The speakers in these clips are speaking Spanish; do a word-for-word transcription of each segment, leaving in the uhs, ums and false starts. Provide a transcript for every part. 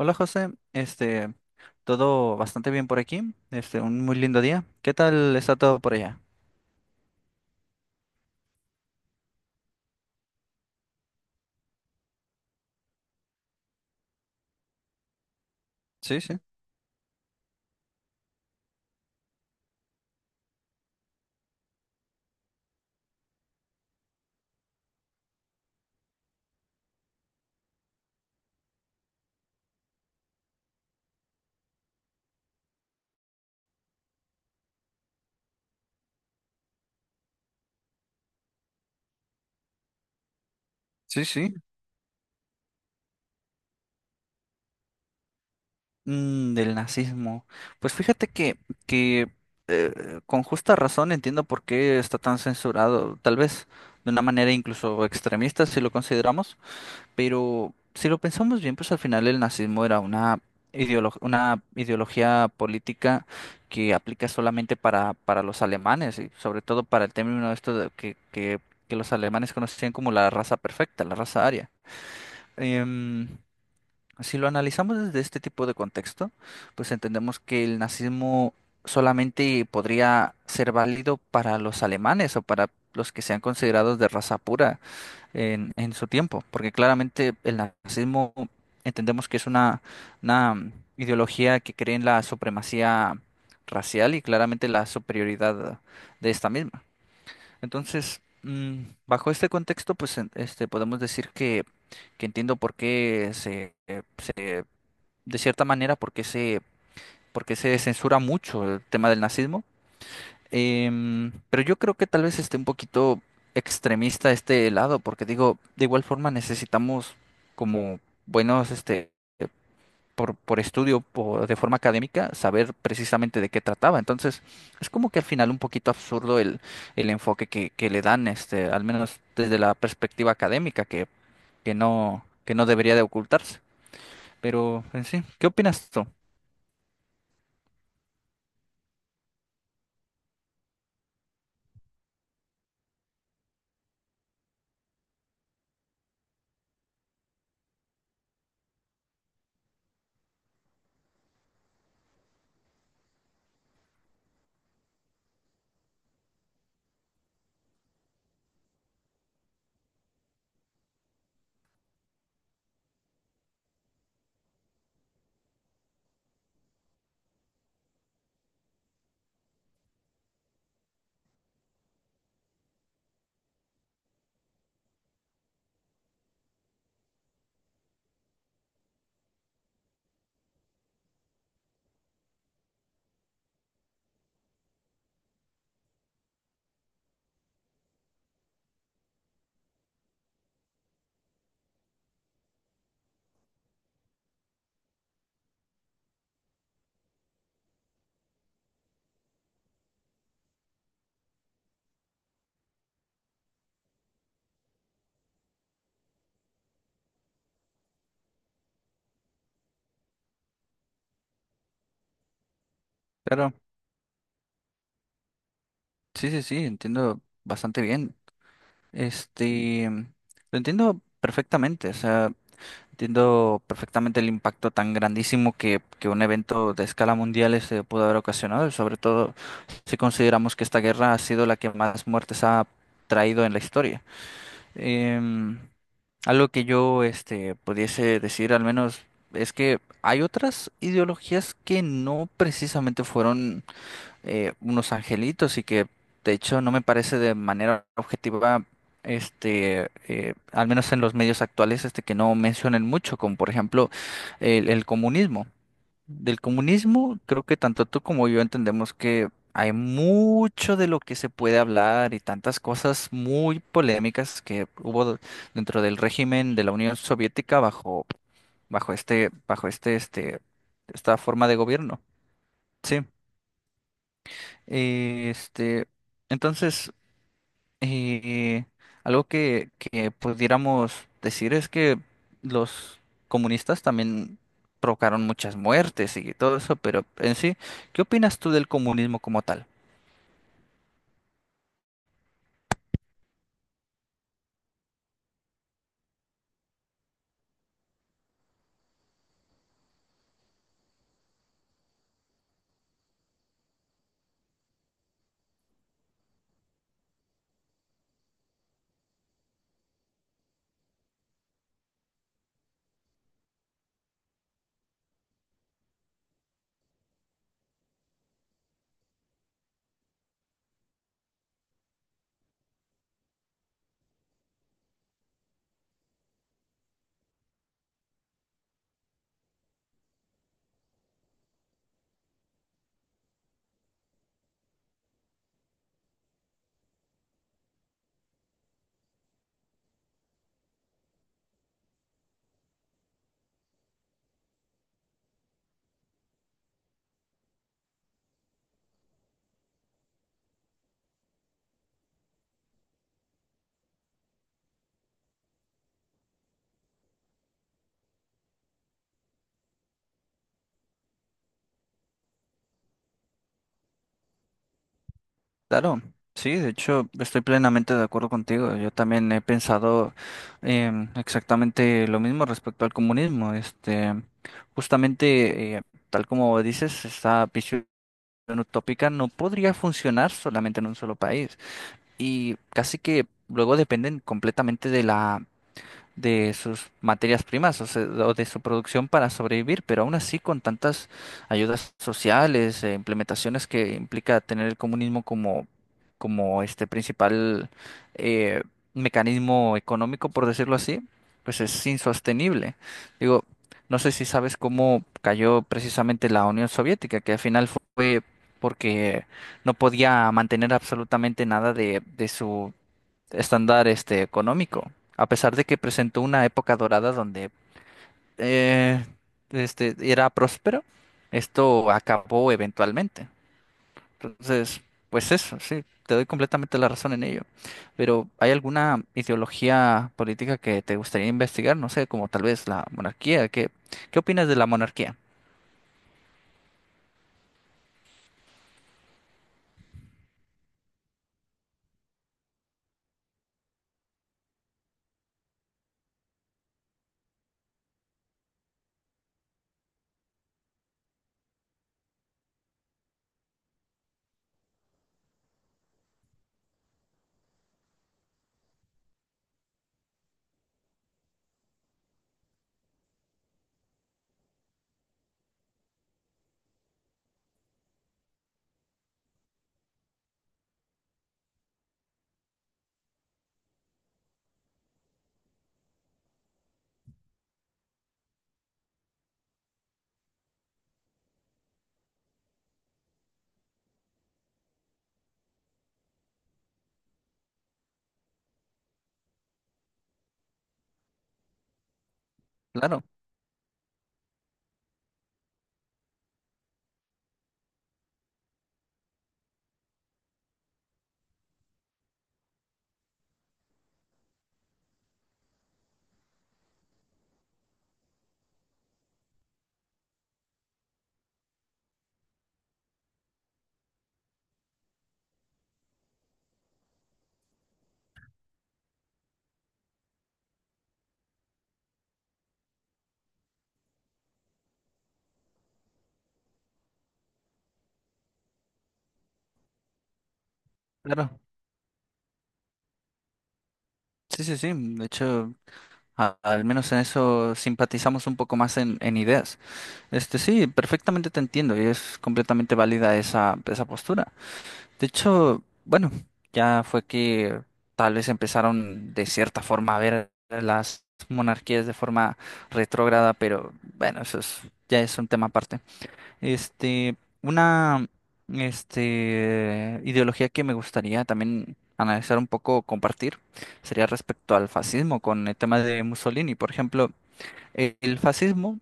Hola José, este, todo bastante bien por aquí, este, un muy lindo día. ¿Qué tal está todo por allá? Sí, sí, sí, sí. Mm, del nazismo. Pues fíjate que, que eh, con justa razón entiendo por qué está tan censurado, tal vez de una manera incluso extremista si lo consideramos. Pero si lo pensamos bien, pues al final el nazismo era una ideolo- una ideología política que aplica solamente para, para los alemanes y sobre todo para el término de esto de que, que, que los alemanes conocían como la raza perfecta, la raza aria. Em, si lo analizamos desde este tipo de contexto, pues entendemos que el nazismo solamente podría ser válido para los alemanes o para los que sean considerados de raza pura en, en su tiempo, porque claramente el nazismo entendemos que es una, una mm, ideología que cree en la supremacía racial y claramente la superioridad de esta misma. Entonces, mm, bajo este contexto, pues en- este, podemos decir que, que entiendo por qué se, se, de cierta manera, por qué se, por qué se censura mucho el tema del nazismo. Em, pero yo creo que tal vez esté un poquito extremista este lado, porque digo, de igual forma necesitamos como buenos, este, por, por estudio, por, de forma académica, saber precisamente de qué trataba. Entonces, es como que al final un poquito absurdo el, el enfoque que, que le dan, este, al menos desde la perspectiva académica, que, que no, que no debería de ocultarse. Pero en sí, ¿qué opinas tú? Claro, sí, sí, sí, entiendo bastante bien. Este, lo entiendo perfectamente, o sea, entiendo perfectamente el impacto tan grandísimo que, que un evento de escala mundial este pudo haber ocasionado, y sobre todo si consideramos que esta guerra ha sido la que más muertes ha traído en la historia. Em, Algo que yo este pudiese decir al menos es que hay otras ideologías que no precisamente fueron eh, unos angelitos y que de hecho no me parece de manera objetiva, este, eh, al menos en los medios actuales, este, que no mencionen mucho, como por ejemplo el, el comunismo. Del comunismo creo que tanto tú como yo entendemos que hay mucho de lo que se puede hablar y tantas cosas muy polémicas que hubo dentro del régimen de la Unión Soviética bajo, bajo este, bajo este, este, esta forma de gobierno. Sí. Eh, este, entonces, eh, algo que, que pudiéramos decir es que los comunistas también provocaron muchas muertes y todo eso, pero en sí, ¿qué opinas tú del comunismo como tal? Claro, sí, de hecho, estoy plenamente de acuerdo contigo. Yo también he pensado em, exactamente lo mismo respecto al comunismo. Este, justamente, eh, tal como dices, está Unión utópica no podría funcionar solamente en un solo país. Y casi que luego dependen completamente de la de sus materias primas o, se- o de su producción para sobrevivir, pero aún así con tantas ayudas sociales e implementaciones que implica tener el comunismo como, como este principal eh, mecanismo económico, por decirlo así, pues es insostenible. Digo, no sé si sabes cómo cayó precisamente la Unión Soviética, que al final fue porque no podía mantener absolutamente nada de, de su estándar este económico, a pesar de que presentó una época dorada donde eh, este era próspero, esto acabó eventualmente. Entonces, pues eso, sí, te doy completamente la razón en ello. Pero ¿hay alguna ideología política que te gustaría investigar? No sé, como tal vez la monarquía. ¿Qué, qué opinas de la monarquía? Claro, claro. Sí, sí, sí. De hecho, a- al menos en eso simpatizamos un poco más en en ideas. Este sí, perfectamente te entiendo y es completamente válida esa, esa postura. De hecho, bueno, ya fue que tal vez empezaron de cierta forma a ver las monarquías de forma retrógrada, pero bueno, eso es, ya es un tema aparte. Este, una este, ideología que me gustaría también analizar un poco, compartir, sería respecto al fascismo con el tema de Mussolini. Por ejemplo, eh, el fascismo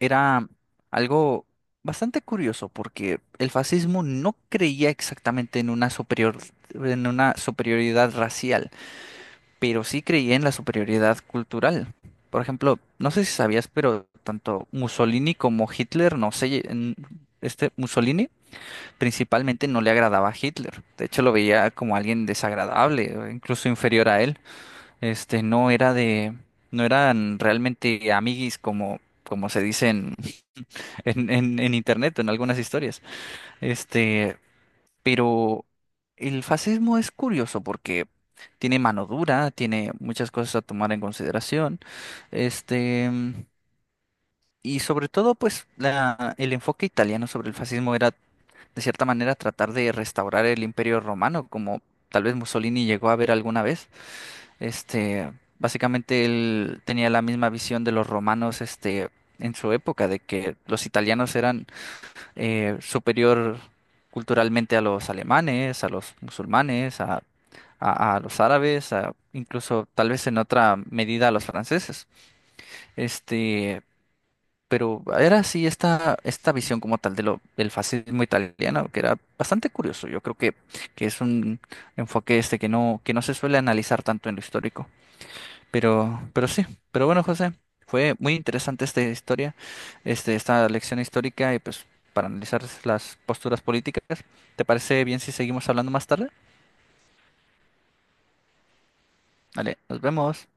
era algo bastante curioso porque el fascismo no creía exactamente en una superior, en una superioridad racial, pero sí creía en la superioridad cultural. Por ejemplo, no sé si sabías, pero tanto Mussolini como Hitler, no sé, en- este Mussolini principalmente no le agradaba a Hitler. De hecho, lo veía como alguien desagradable, o incluso inferior a él. Este no era de, no eran realmente amiguis como, como se dicen en, en, en internet, en algunas historias. Este, pero el fascismo es curioso porque tiene mano dura, tiene muchas cosas a tomar en consideración. Este, y sobre todo, pues, la, el enfoque italiano sobre el fascismo era, de cierta manera, tratar de restaurar el imperio romano, como tal vez Mussolini llegó a ver alguna vez. Este, básicamente él tenía la misma visión de los romanos, este, en su época, de que los italianos eran eh, superior culturalmente a los alemanes, a los musulmanes, a, a- a los árabes, a- incluso tal vez en otra medida a los franceses. Este, pero era así esta, esta visión como tal de lo, del fascismo italiano, que era bastante curioso. Yo creo que, que es un enfoque este que no, que no se suele analizar tanto en lo histórico. Pero, pero sí, pero bueno, José, fue muy interesante esta historia, este, esta lección histórica y pues para analizar las posturas políticas. ¿Te parece bien si seguimos hablando más tarde? Vale, nos vemos.